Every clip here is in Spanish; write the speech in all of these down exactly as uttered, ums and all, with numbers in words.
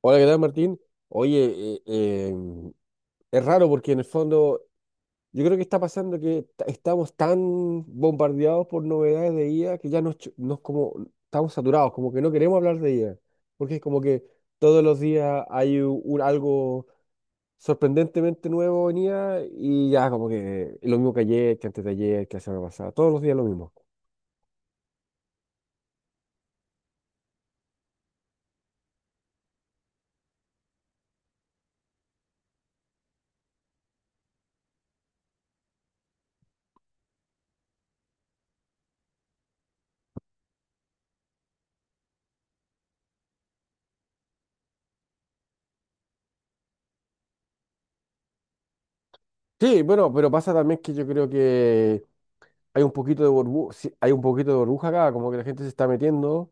Hola, ¿qué tal, Martín? Oye, eh, em, es raro porque en el fondo yo creo que está pasando que ta- estamos tan bombardeados por novedades de I A que ya nos, ch- nos como estamos saturados, como que no queremos hablar de I A, porque es como que todos los días hay u- un, algo sorprendentemente nuevo en I A y ya como que lo mismo que ayer, que antes de ayer, que la semana pasada, todos los días lo mismo. Sí, bueno, pero pasa también que yo creo que hay un poquito de burbu- sí, hay un poquito de burbuja acá, como que la gente se está metiendo,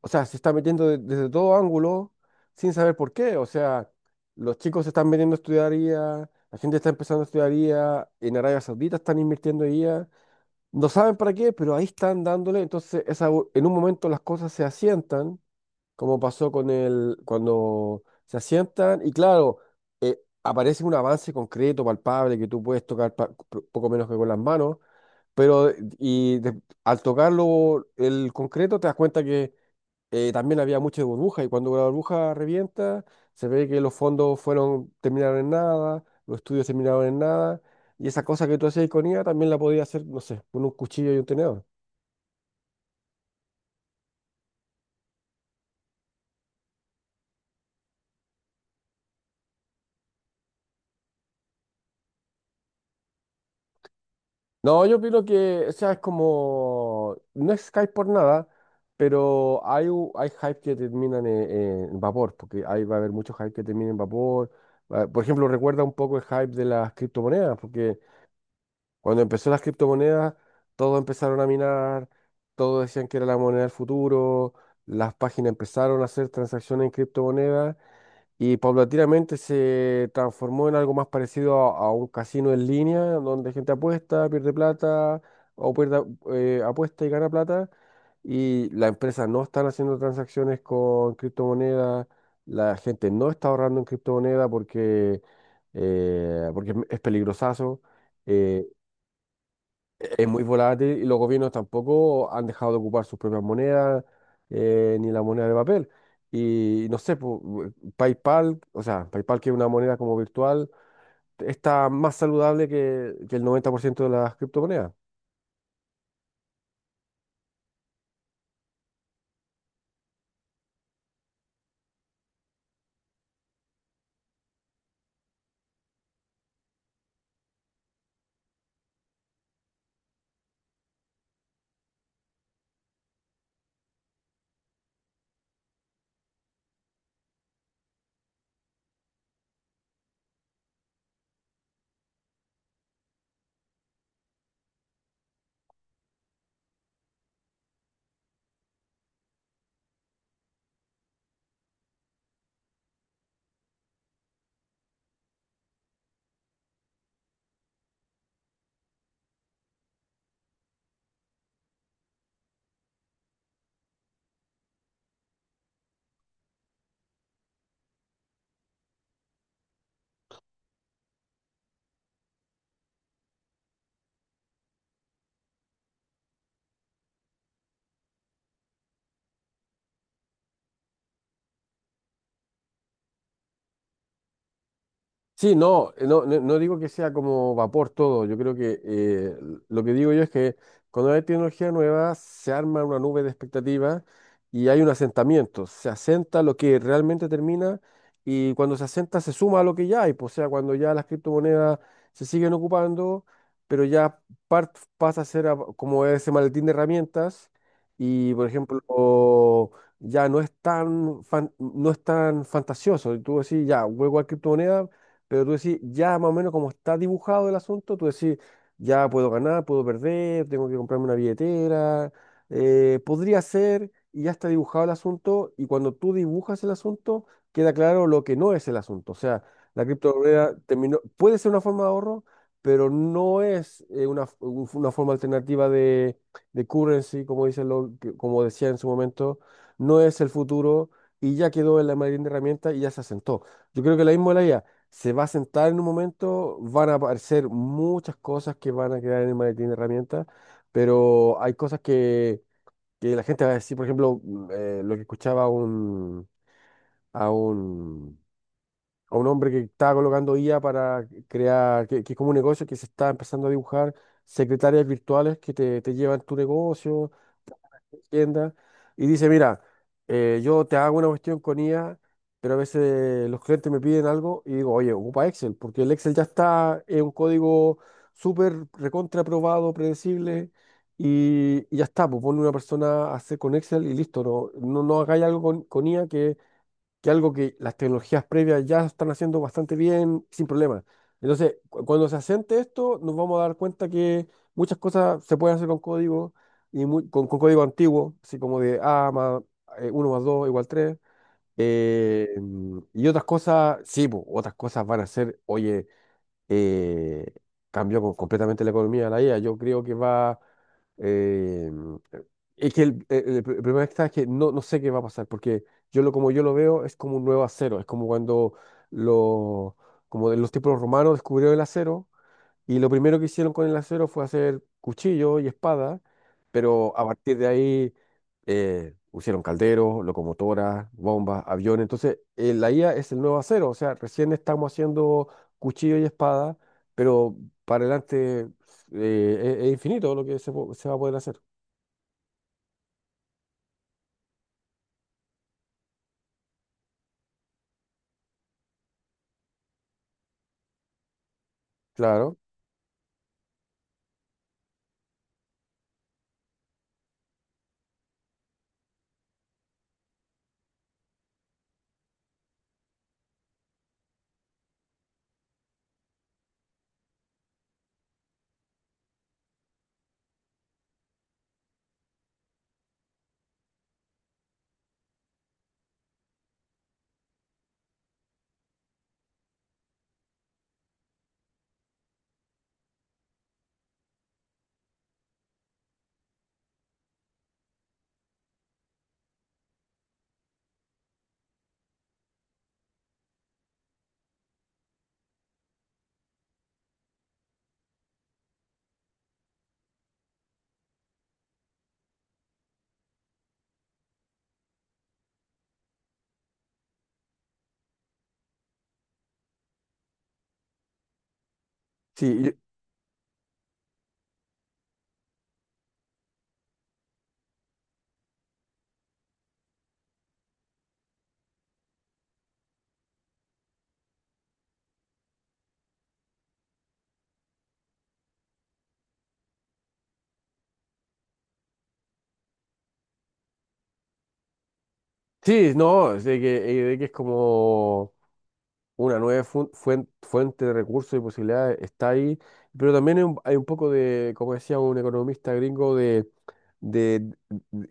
o sea, se está metiendo de- desde todo ángulo sin saber por qué, o sea, los chicos se están metiendo a estudiar I A, la gente está empezando a estudiar I A, en Arabia Saudita están invirtiendo en I A, no saben para qué, pero ahí están dándole, entonces esa bu- en un momento las cosas se asientan, como pasó con el, cuando se asientan, y claro, eh, aparece un avance concreto, palpable, que tú puedes tocar pa- poco menos que con las manos, pero eh, y de- al tocarlo el concreto te das cuenta que eh, también había mucha burbuja y cuando la burbuja revienta se ve que los fondos fueron terminaron en nada, los estudios terminaron en nada y esa cosa que tú hacías con I A también la podías hacer, no sé, con un cuchillo y un tenedor. No, yo opino que, o sea, es como, no es hype por nada, pero hay, u- hay hype que terminan en, en vapor, porque ahí va a haber mucho hype que termina en vapor. Ah, por ejemplo, recuerda un poco el hype de las criptomonedas, porque cuando empezó las criptomonedas, todos empezaron a minar, todos decían que era la moneda del futuro, las páginas empezaron a hacer transacciones en criptomonedas y paulatinamente se transformó en algo más parecido a, a un casino en línea, donde gente apuesta, pierde plata o pierde, eh, apuesta y gana plata. Y las empresas no están haciendo transacciones con criptomonedas, la gente no está ahorrando en criptomonedas porque, eh, porque es es peligrosazo. eh, es muy volátil y los gobiernos tampoco han dejado de ocupar sus propias monedas, eh, ni la moneda de papel. Y no sé, pu- PayPal, o sea, PayPal que es una moneda como virtual, está más saludable que, que el noventa por ciento de las criptomonedas. Sí, no, eh, no, no, no digo que sea como vapor todo. Yo creo que eh, lo que digo yo es que cuando hay tecnología nueva se arma una nube de expectativas y hay un asentamiento. Se asenta lo que realmente termina y cuando se asenta se suma a lo que ya hay, pues. O sea, cuando ya las criptomonedas se siguen ocupando, pero ya part- pasa a ser a- como ese maletín de herramientas y, por ejemplo, o ya no es tan, fan- no es tan fantasioso. Y tú decís, ya, juego a criptomonedas pero tú decís, ya más o menos como está dibujado el asunto, tú decís, ya puedo ganar, puedo perder, tengo que comprarme una billetera, eh, podría ser, y ya está dibujado el asunto, y cuando tú dibujas el asunto, queda claro lo que no es el asunto. O sea, la criptomoneda terminó, puede ser una forma de ahorro, pero no es eh, una, f- un- una forma alternativa de, de currency, como dicen lo, que- como decía en su momento, no es el futuro, y ya quedó en la marina de herramientas y ya se asentó. Yo creo que la misma de la I A se va a sentar en un momento, van a aparecer muchas cosas que van a quedar en el maletín de herramientas, pero hay cosas que, que la gente va a decir, por ejemplo, mm, eh, lo que escuchaba a un, a un, a un hombre que estaba colocando I A para crear, que, que es como un negocio que se está empezando a dibujar, secretarias virtuales que te, te llevan tu negocio, tienda y dice, mira, eh, yo te hago una cuestión con I A, pero a veces los clientes me piden algo y digo, oye, ocupa Excel, porque el Excel ya está es un código súper recontra aprobado, predecible, y, y ya está, pues ponle una persona a hacer con Excel y listo, no, no, no hagáis algo con, con I A que que algo que las tecnologías previas ya están haciendo bastante bien, sin problema. Entonces, cu- cuando se asiente esto, nos vamos a dar cuenta que muchas cosas se pueden hacer con código, y mu- con, con código antiguo, así como de A más eh, uno más dos igual tres, eh, mm, y otras cosas, sí, po, otras cosas van a ser, oye, eh, cambia co- completamente la economía de la I A. Yo creo que va. Eh, es que el, el- el pr- el problema está es que no, no sé qué va a pasar, porque yo lo, como yo lo veo es como un nuevo acero, es como cuando lo, como de los tiempos romanos descubrieron el acero y lo primero que hicieron con el acero fue hacer cuchillo y espada, pero a partir de ahí eh, pusieron calderos, locomotoras, bombas, aviones. Entonces, eh, la I A es el nuevo acero, o sea, recién estamos haciendo cuchillo y espada, pero para adelante eh, es, es infinito lo que se, po- se va a poder hacer. Claro. Sí, y- sí, no, es de que, eh, de que es como una nueva fun- fuen- fuente de recursos y posibilidades está ahí, pero también hay un, hay un poco de, como decía un economista gringo, de, de,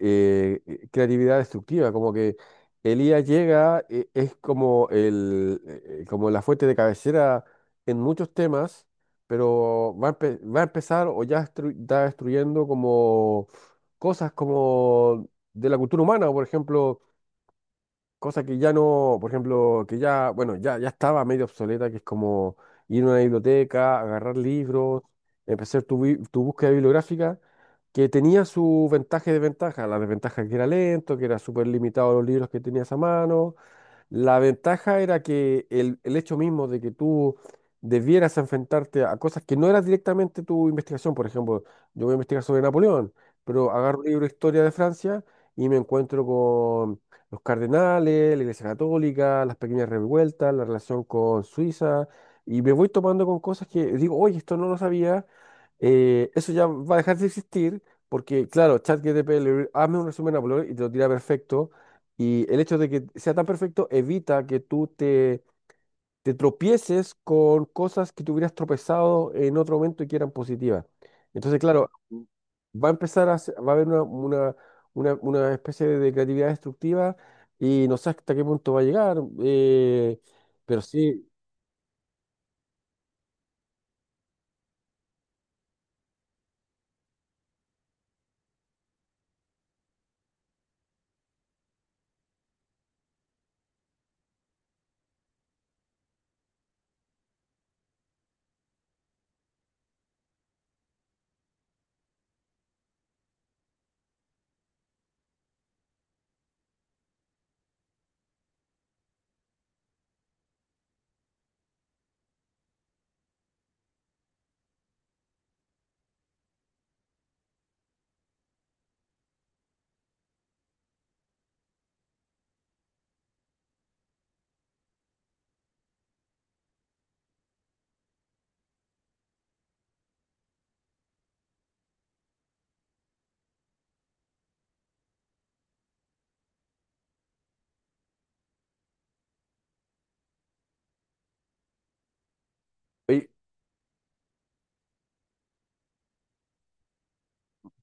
eh, eh, creatividad destructiva, como que el I A llega, eh, es como, el, eh, eh, como la fuente de cabecera en muchos temas, pero va a, empe- va a empezar o ya estru- está destruyendo como cosas como de la cultura humana, por ejemplo cosa que ya no, por ejemplo, que ya, bueno, ya, ya estaba medio obsoleta, que es como ir a una biblioteca, agarrar libros, empezar tu, bi- tu búsqueda bibliográfica, que tenía su ventaja y desventaja. La desventaja que era lento, que era súper limitado los libros que tenías a mano, la ventaja era que el, el hecho mismo de que tú debieras enfrentarte a cosas que no eran directamente tu investigación, por ejemplo, yo voy a investigar sobre Napoleón, pero agarro un libro de historia de Francia y me encuentro con los cardenales, la Iglesia Católica, las pequeñas revueltas, la relación con Suiza, y me voy tomando con cosas que digo, oye, esto no lo sabía. Eh, eso ya va a dejar de existir, porque claro, ChatGPT, le- hazme un resumen de Napoleón y te lo tira perfecto y el hecho de que sea tan perfecto evita que tú te, te tropieces con cosas que te hubieras tropezado en otro momento y que eran positivas. Entonces, claro, va a empezar a, se- va a haber una, una, una, una especie de creatividad destructiva y no sé hasta qué punto va a llegar. eh, pero sí.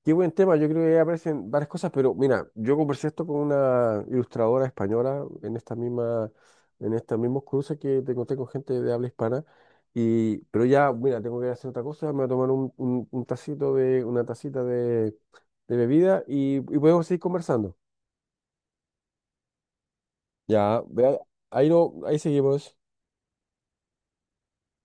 Qué buen tema, yo creo que ahí aparecen varias cosas, pero mira, yo conversé esto con una ilustradora española en esta misma, en estos mismos cruces que te conté con gente de habla hispana, y, pero ya, mira, tengo que hacer otra cosa, me voy a tomar un, un- un tacito de, una tacita de, de bebida y, y podemos seguir conversando. Ya, vea, ahí no, ahí seguimos.